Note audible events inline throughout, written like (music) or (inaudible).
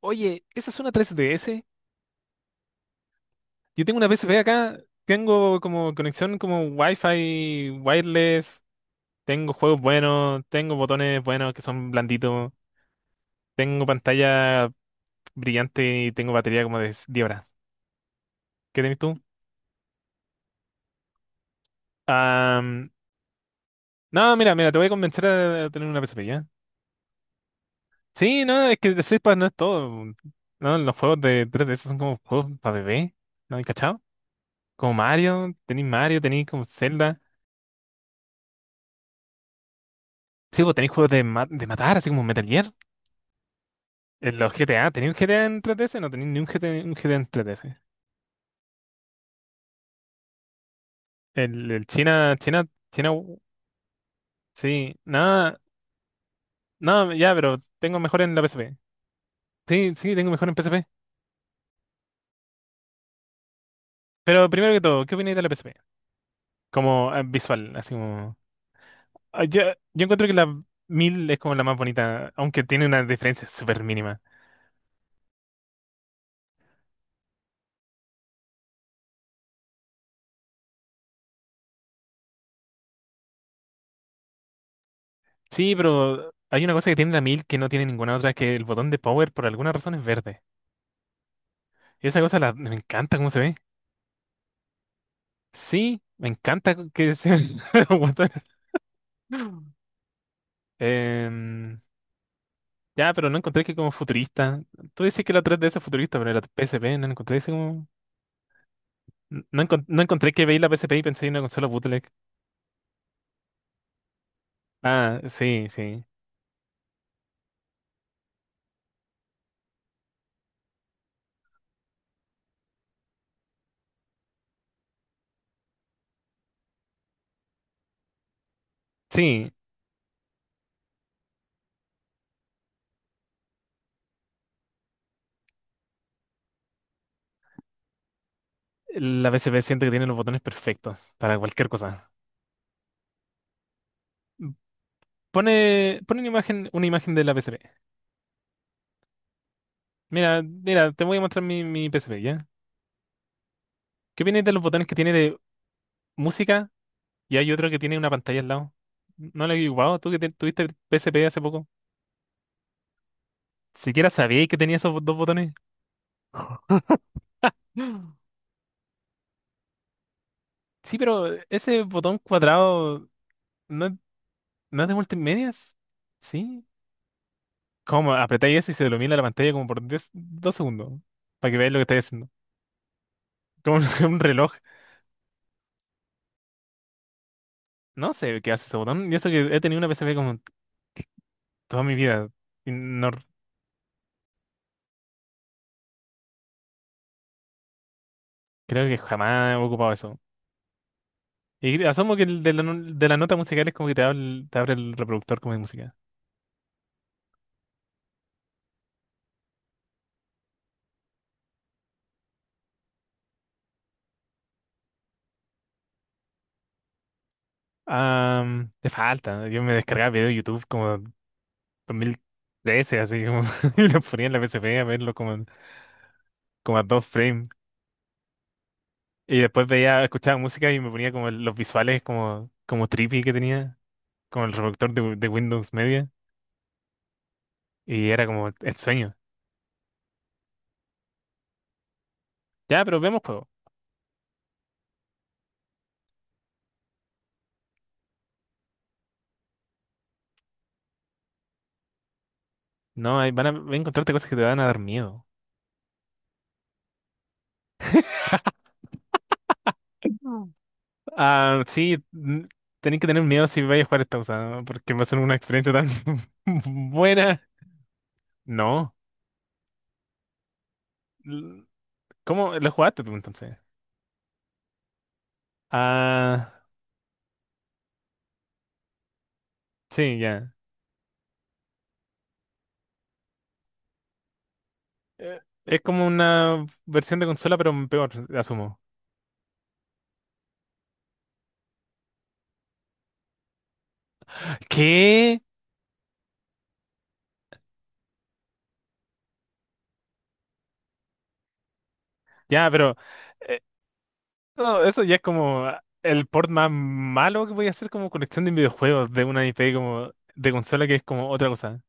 Oye, ¿esa es una 3DS? Yo tengo una PSP acá, tengo como conexión como Wi-Fi, wireless, tengo juegos buenos, tengo botones buenos que son blanditos, tengo pantalla brillante y tengo batería como de 10 horas. ¿Qué tenés tú? Am, no, mira, mira, te voy a convencer a tener una PSP, ¿ya? Sí, no, es que el Switchpad no es todo. No, los juegos de 3DS son como juegos para bebé, ¿no? ¿Hay cachado? Como Mario, tenéis como Zelda. Sí, vos tenéis juegos de, de matar, así como Metal Gear. En los GTA, ¿tenéis un GTA en 3DS? No tenéis ni un GTA, un GTA en 3DS. El China, China, China, sí, nada, nada, ya, pero tengo mejor en la PSP. Sí, sí, tengo mejor en PSP. Pero primero que todo, ¿qué opináis de la PSP? Como visual, así como. Ah, yo encuentro que la 1000 es como la más bonita, aunque tiene una diferencia súper mínima. Sí, pero hay una cosa que tiene la mil que no tiene ninguna otra, es que el botón de power por alguna razón es verde. Y esa cosa me encanta cómo se ve. Sí, me encanta que sea (laughs) guatón. Em, ya, pero no encontré que como futurista. Tú dices que la 3DS es futurista, pero la PSP no encontré ese como. No, no encontré que veí la PSP y pensé en una consola bootleg. Ah, sí, sí. Sí, la PSP siento que tiene los botones perfectos para cualquier cosa. Pone una imagen de la PSP. Mira, mira, te voy a mostrar mi PSP, ¿ya? ¿Qué opinas de los botones que tiene de música? Y hay otro que tiene una pantalla al lado. ¿No lo he ocupado? ¿Tú que tuviste PSP hace poco? ¿Siquiera sabíais que tenía esos dos botones? (gasps) Sí, pero ese botón cuadrado no, no es de multimedias. ¿Sí? ¿Cómo? Apretáis eso y se ilumina la pantalla como por 10 dos segundos. Para que veáis lo que estáis haciendo. Como (laughs) un, reloj. No sé qué hace ese botón. Y eso que he tenido una PSP como toda mi vida. Y no creo que jamás he ocupado eso. Y asumo que el de la, de la nota musical es como que te abre, te abre el reproductor como de música. Te falta. Yo me descargaba video de YouTube como 2013, así como (laughs) y lo ponía en la PSP a verlo como, como a dos frames. Y después veía, escuchaba música y me ponía como los visuales como, trippy que tenía, como el reproductor de Windows Media. Y era como el sueño. Ya, pero vemos juego. No, ahí van a, encontrarte cosas que te van a dar miedo. Mm. Ah, sí, tenés que tener miedo si vais a jugar esta cosa, ¿no? Porque va a ser una experiencia tan (laughs) buena. No. ¿Cómo lo jugaste tú entonces? Ah, sí, ya. Eh, Es como una versión de consola, pero peor, asumo. ¿Qué? Ya, pero eh, no, eso ya es como el port más malo que voy a hacer como colección de videojuegos de una IP como de consola que es como otra cosa.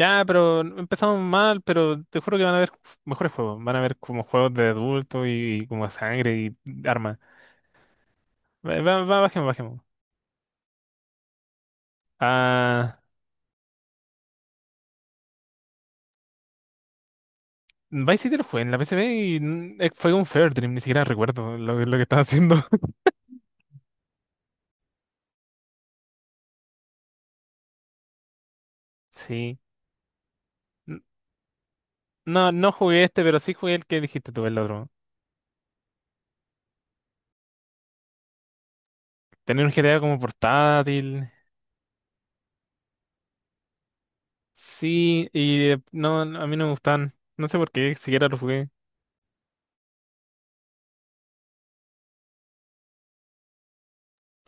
Ya, pero empezamos mal, pero te juro que van a haber mejores juegos. Van a haber como juegos de adulto y como sangre y armas. Va, va, va, bajemos, bajemos. Ah, Vice City lo jugué en la PSP y fue un Fair Dream, ni siquiera recuerdo lo que estaba haciendo. (laughs) Sí. N- No, no jugué este, pero sí jugué el que dijiste tú, el otro. Tenía un GTA como portátil. Sí, y no, no, a mí no me gustaban. No sé por qué, siquiera lo jugué.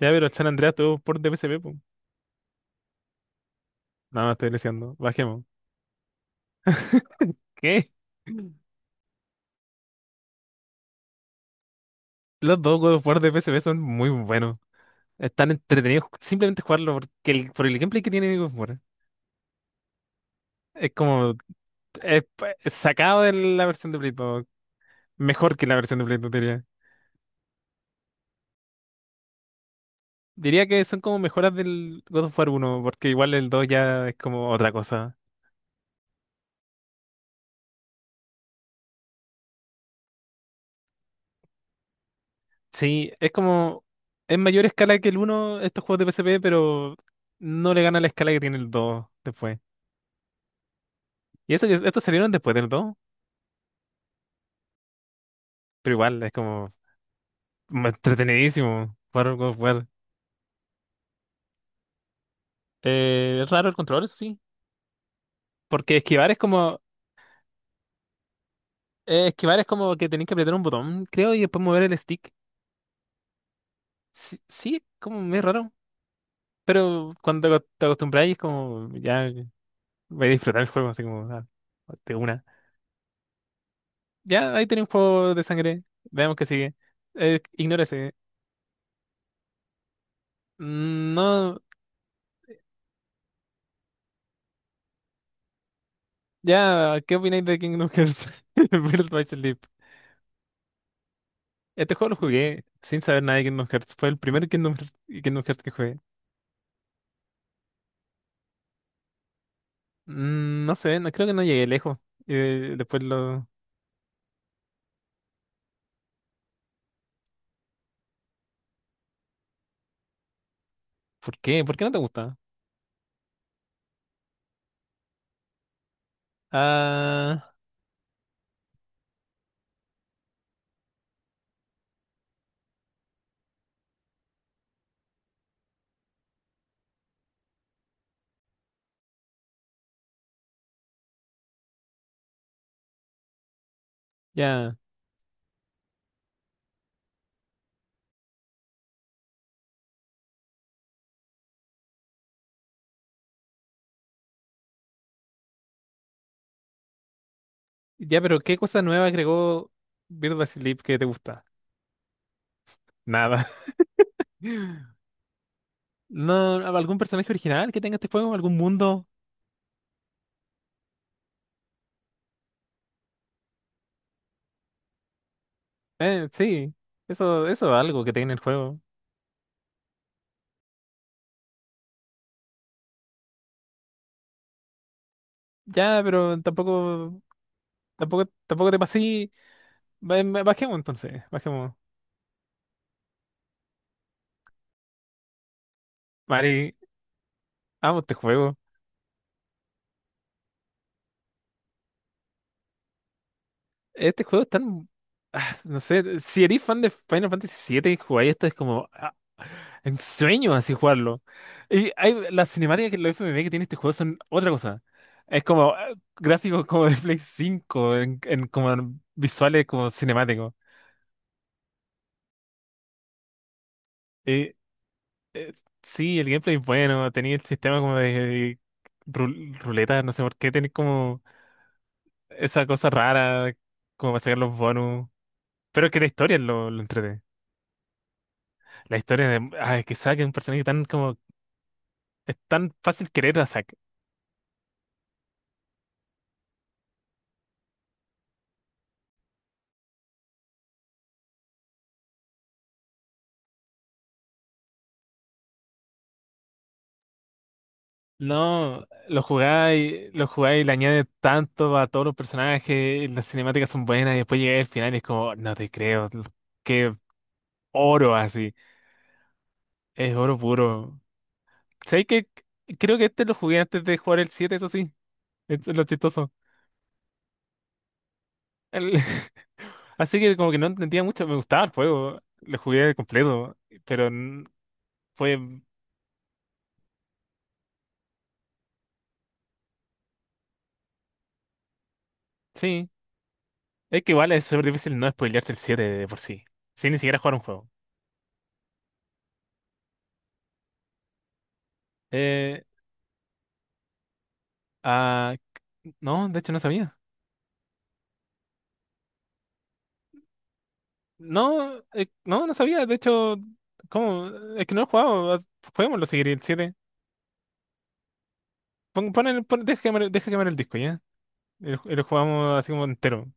Ya, pero el San Andreas tuvo port de PSP, po. No, estoy deseando. Bajemos. ¿Qué? (laughs) Los dos juegos of War de PSP son muy buenos. Están entretenidos simplemente jugarlo porque por el gameplay que tiene God of War. Es como es sacado de la versión de Play 2. Mejor que la versión de Play 2, diría. Diría que son como mejoras del God of War uno porque igual el 2 ya es como otra cosa. Sí, es como en mayor escala que el uno estos juegos de PSP, pero no le gana la escala que tiene el 2 después. Y eso que estos salieron después del 2 pero igual es como entretenidísimo jugar un God of War. Es raro el control, eso sí, porque esquivar es como que tenés que apretar un botón, creo, y después mover el stick. Sí, sí, es como es raro. Pero cuando te te acostumbras es como, ya voy a disfrutar el juego, así como, ah, de una. Ya, ahí tenés un juego de sangre, veamos qué sigue. Ignora ese. No, ya, ¿qué opináis de Kingdom Hearts? (laughs) Birth by Sleep. Este juego lo jugué sin saber nada de Kingdom Hearts. Fue el primer Kingdom Hearts que jugué. No sé, no, creo que no llegué lejos. Después lo... ¿Por qué? ¿Por qué no te gusta? Ah, ya. Ya, pero ¿qué cosa nueva agregó Birth by Sleep que te gusta? Nada. No, algún personaje original que tenga este juego, algún mundo. Sí, eso es algo que tiene el juego. Ya, pero tampoco, tampoco te pasí. Bajemos entonces, bajemos. Mari, amo este juego. Este juego es tan, no sé, si eres fan de Final Fantasy VII y jugáis esto es como ah, un sueño así jugarlo. Y hay, las cinemáticas que los FMV que tiene este juego son otra cosa. Es como ah, gráficos como de Play 5 en como en visuales como cinemáticos. Sí, el gameplay es bueno, tenía el sistema como de ruleta, no sé por qué, tenía como esa cosa rara, como para sacar los bonus. Pero es que la historia lo entretiene. La historia de ay, que Zack es un personaje tan como. Es tan fácil querer a Zack. No, lo jugáis, le añade tanto a todos los personajes, las cinemáticas son buenas, y después llega el final y es como, "Oh, no te creo, qué oro así. Es oro puro. ¿Sabes que Creo que este lo jugué antes de jugar el 7, eso sí. Es lo chistoso. El- (laughs) Así que como que no entendía mucho. Me gustaba el juego. Lo jugué completo. Pero fue... Sí. Es que igual es súper difícil no spoilearse el 7 de por sí. Sin ni siquiera jugar un juego. Eh, ah, no, de hecho no sabía. No, no, no sabía. De hecho, ¿cómo? Es que no lo he jugado. Juguémoslo seguir el siete. Deja quemar, deja quemar el disco, ¿ya? Y lo jugamos así como entero.